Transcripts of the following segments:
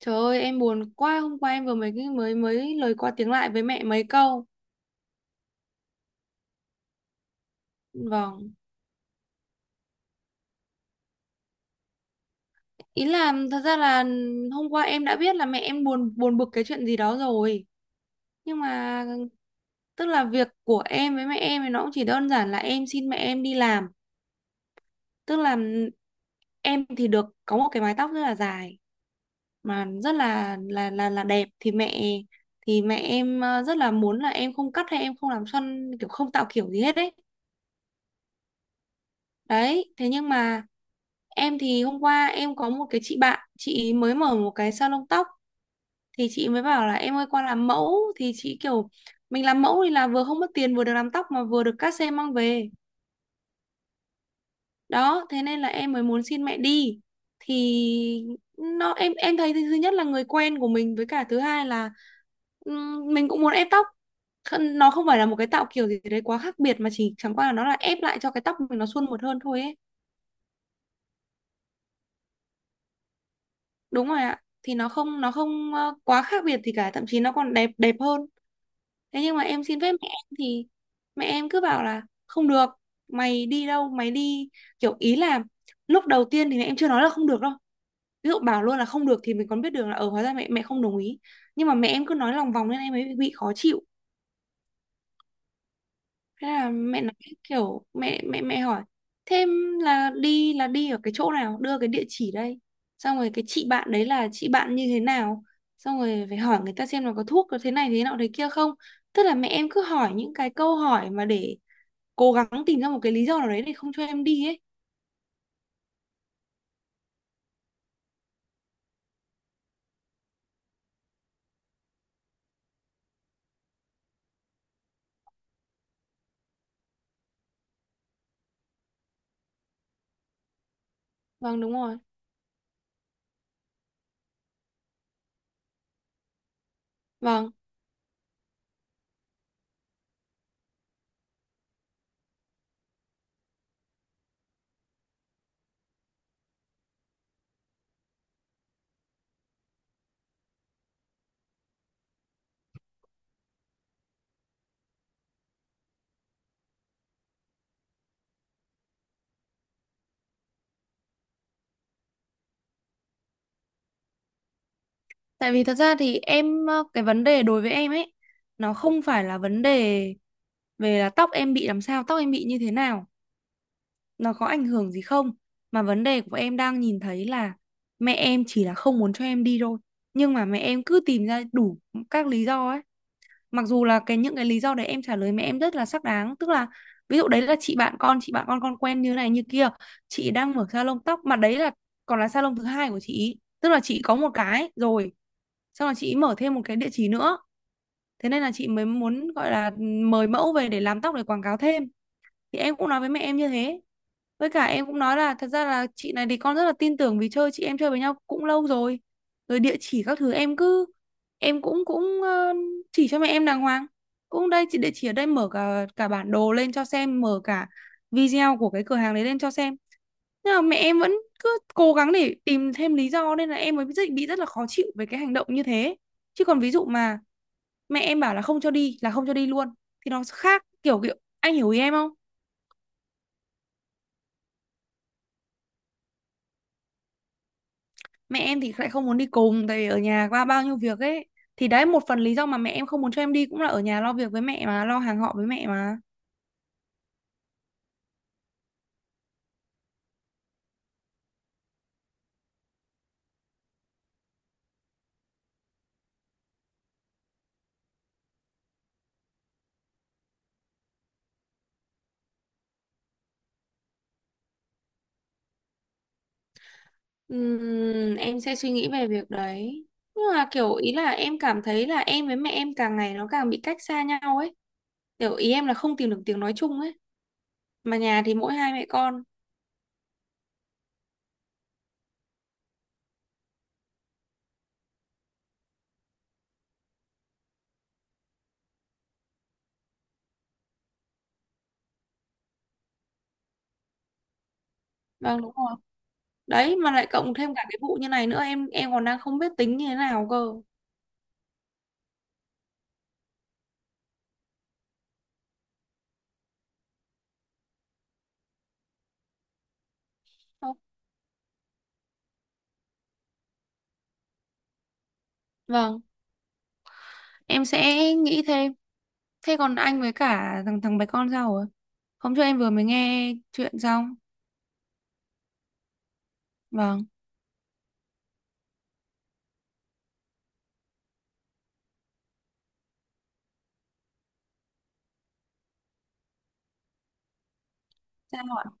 Trời ơi, em buồn quá, hôm qua em vừa mới mới mới lời qua tiếng lại với mẹ mấy câu. Vâng. Ý là thật ra là hôm qua em đã biết là mẹ em buồn buồn bực cái chuyện gì đó rồi. Nhưng mà tức là việc của em với mẹ em thì nó cũng chỉ đơn giản là em xin mẹ em đi làm. Tức là em thì được có một cái mái tóc rất là dài mà rất là đẹp, thì mẹ em rất là muốn là em không cắt hay em không làm xoăn, kiểu không tạo kiểu gì hết đấy. Đấy, thế nhưng mà em thì hôm qua em có một cái chị bạn, chị ý mới mở một cái salon tóc, thì chị mới bảo là em ơi qua làm mẫu, thì chị kiểu mình làm mẫu thì là vừa không mất tiền, vừa được làm tóc, mà vừa được cát xe mang về. Đó, thế nên là em mới muốn xin mẹ đi. Thì nó em thấy, thứ nhất là người quen của mình, với cả thứ hai là mình cũng muốn ép tóc. Nó không phải là một cái tạo kiểu gì đấy quá khác biệt, mà chỉ chẳng qua là nó là ép lại cho cái tóc mình nó suôn mượt hơn thôi ấy. Đúng rồi ạ. Thì nó không quá khác biệt gì cả, thậm chí nó còn đẹp đẹp hơn. Thế nhưng mà em xin phép mẹ em thì mẹ em cứ bảo là không được, mày đi đâu mày đi, kiểu ý là lúc đầu tiên thì mẹ em chưa nói là không được đâu. Ví dụ bảo luôn là không được thì mình còn biết được là, ở, hóa ra mẹ mẹ không đồng ý. Nhưng mà mẹ em cứ nói lòng vòng nên em ấy bị khó chịu. Thế là mẹ nói, kiểu mẹ mẹ mẹ hỏi thêm là đi ở cái chỗ nào, đưa cái địa chỉ đây, xong rồi cái chị bạn đấy là chị bạn như thế nào, xong rồi phải hỏi người ta xem là có thuốc, có thế này thế nọ thế kia không. Tức là mẹ em cứ hỏi những cái câu hỏi mà để cố gắng tìm ra một cái lý do nào đấy để không cho em đi ấy. Vâng, đúng rồi, vâng. Tại vì thật ra thì em cái vấn đề đối với em ấy, nó không phải là vấn đề về là tóc em bị làm sao, tóc em bị như thế nào, nó có ảnh hưởng gì không, mà vấn đề của em đang nhìn thấy là mẹ em chỉ là không muốn cho em đi thôi, nhưng mà mẹ em cứ tìm ra đủ các lý do ấy. Mặc dù là những cái lý do đấy em trả lời mẹ em rất là xác đáng. Tức là ví dụ đấy là chị bạn con quen như này như kia, chị đang mở salon tóc, mà đấy là còn là salon thứ hai của chị, tức là chị có một cái rồi, xong là chị mở thêm một cái địa chỉ nữa, thế nên là chị mới muốn gọi là mời mẫu về để làm tóc, để quảng cáo thêm. Thì em cũng nói với mẹ em như thế, với cả em cũng nói là thật ra là chị này thì con rất là tin tưởng, vì chơi, chị em chơi với nhau cũng lâu rồi. Rồi địa chỉ các thứ em cứ em cũng cũng ờ, chỉ cho mẹ em đàng hoàng, cũng đây chị, địa chỉ ở đây, mở cả cả bản đồ lên cho xem, mở cả video của cái cửa hàng đấy lên cho xem. Nhưng mà mẹ em vẫn cứ cố gắng để tìm thêm lý do, nên là em mới bị rất là khó chịu về cái hành động như thế. Chứ còn ví dụ mà mẹ em bảo là không cho đi là không cho đi luôn, thì nó khác, kiểu kiểu anh hiểu ý em không? Mẹ em thì lại không muốn đi cùng, tại vì ở nhà qua bao nhiêu việc ấy, thì đấy một phần lý do mà mẹ em không muốn cho em đi cũng là ở nhà lo việc với mẹ mà, lo hàng họ với mẹ mà. Em sẽ suy nghĩ về việc đấy. Nhưng mà kiểu ý là em cảm thấy là em với mẹ em càng ngày nó càng bị cách xa nhau ấy. Kiểu ý em là không tìm được tiếng nói chung ấy. Mà nhà thì mỗi hai mẹ con. Vâng, đúng rồi. Đấy, mà lại cộng thêm cả cái vụ như này nữa, em còn đang không biết tính như thế nào cơ. Vâng, em sẽ nghĩ thêm. Thế còn anh với cả thằng thằng bé con sao rồi? Hôm trước em vừa mới nghe chuyện xong. Vâng. Sao ạ?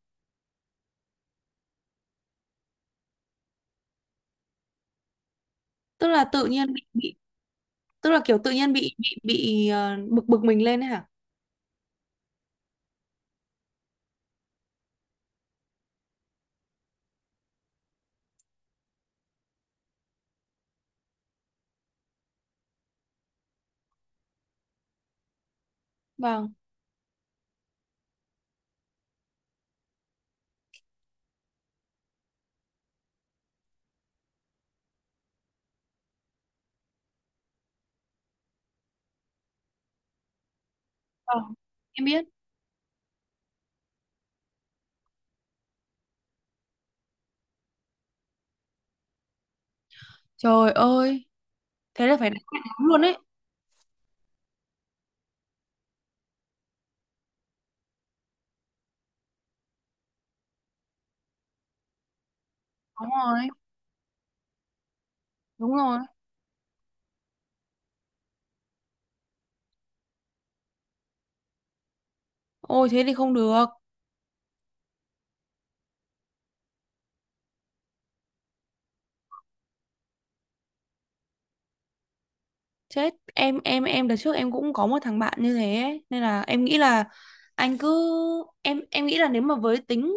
Tức là tự nhiên bị tức là kiểu tự nhiên bị bực bực mình lên ấy hả? Vâng. Vâng. Em biết. Trời ơi, thế là phải đánh mặt lắm luôn ấy. Đúng rồi, đúng rồi. Ôi thế thì không được. Chết, em đợt trước em cũng có một thằng bạn như thế ấy. Nên là em nghĩ là anh cứ em nghĩ là, nếu mà với tính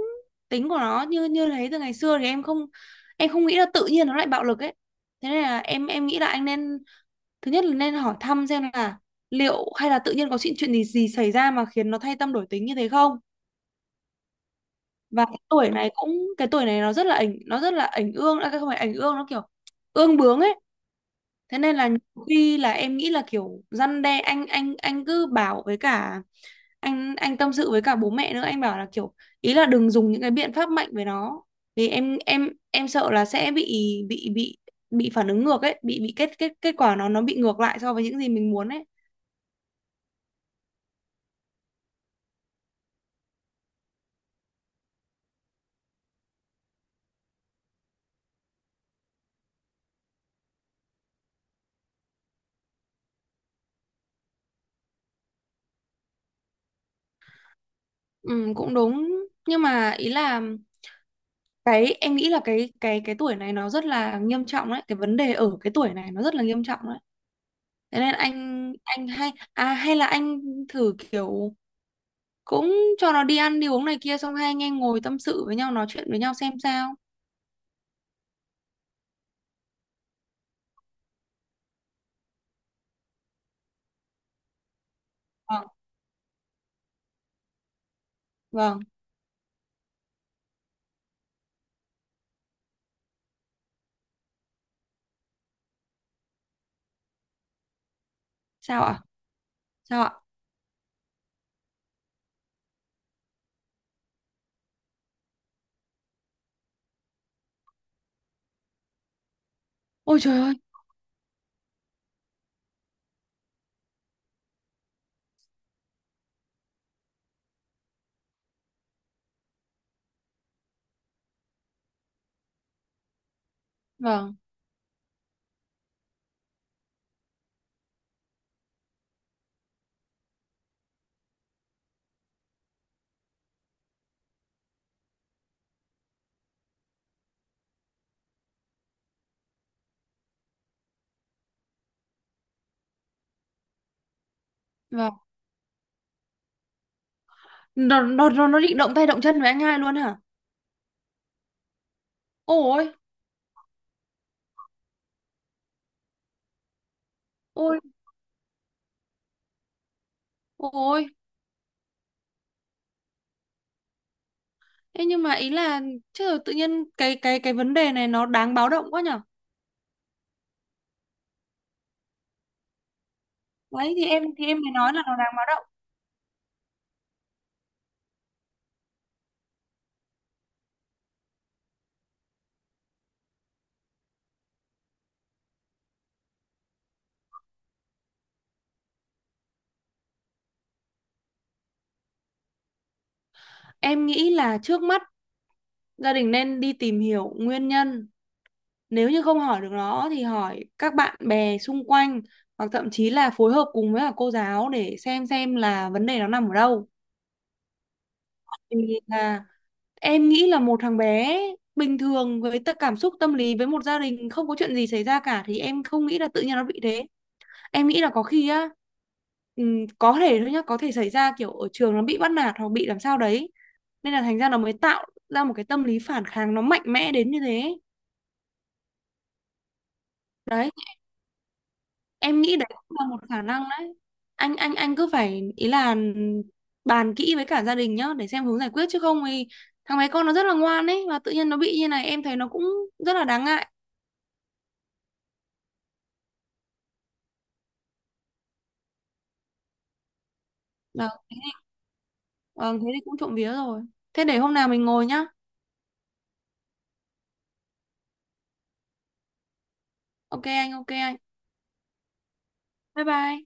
tính của nó như như thế từ ngày xưa thì em không nghĩ là tự nhiên nó lại bạo lực ấy. Thế nên là em nghĩ là anh nên, thứ nhất là nên hỏi thăm xem là liệu hay là tự nhiên có chuyện chuyện gì gì xảy ra mà khiến nó thay tâm đổi tính như thế không? Và cái tuổi này nó rất là ảnh ương, à, không phải ảnh ương, nó kiểu ương bướng ấy. Thế nên là nhiều khi là em nghĩ là kiểu răn đe, anh cứ bảo, với cả anh tâm sự với cả bố mẹ nữa, anh bảo là kiểu ý là đừng dùng những cái biện pháp mạnh với nó. Vì em sợ là sẽ bị bị bị phản ứng ngược ấy, bị kết kết kết quả nó bị ngược lại so với những gì mình muốn ấy. Ừ, cũng đúng. Nhưng mà ý là, cái em nghĩ là cái tuổi này nó rất là nghiêm trọng đấy, cái vấn đề ở cái tuổi này nó rất là nghiêm trọng đấy. Thế nên anh hay, à, hay là anh thử kiểu cũng cho nó đi ăn đi uống này kia, xong hai anh em ngồi tâm sự với nhau, nói chuyện với nhau xem sao. Vâng, vâng. Sao ạ? Sao ạ? Ôi trời ơi. Vâng, vâng. Nó định động tay động chân với anh hai luôn hả? Ôi. Ôi. Ôi. Thế nhưng mà ý là, chứ tự nhiên cái vấn đề này nó đáng báo động quá nhở. Đấy thì em mới nói là nó đáng báo động. Em nghĩ là trước mắt gia đình nên đi tìm hiểu nguyên nhân, nếu như không hỏi được nó thì hỏi các bạn bè xung quanh, hoặc thậm chí là phối hợp cùng với cả cô giáo để xem là vấn đề nó nằm ở đâu. Thì là em nghĩ là một thằng bé bình thường, với tất cảm xúc tâm lý, với một gia đình không có chuyện gì xảy ra cả, thì em không nghĩ là tự nhiên nó bị thế. Em nghĩ là có khi á, có thể thôi nhá, có thể xảy ra kiểu ở trường nó bị bắt nạt hoặc bị làm sao đấy. Nên là thành ra nó mới tạo ra một cái tâm lý phản kháng, nó mạnh mẽ đến như thế. Đấy, em nghĩ đấy cũng là một khả năng đấy. Anh cứ phải, ý là bàn kỹ với cả gia đình nhá, để xem hướng giải quyết, chứ không thì thằng bé con nó rất là ngoan ấy, và tự nhiên nó bị như này em thấy nó cũng rất là đáng ngại. Vâng thế thì, vâng, thế thì cũng trộm vía rồi. Thế để hôm nào mình ngồi nhá. Ok anh, ok anh. Bye bye.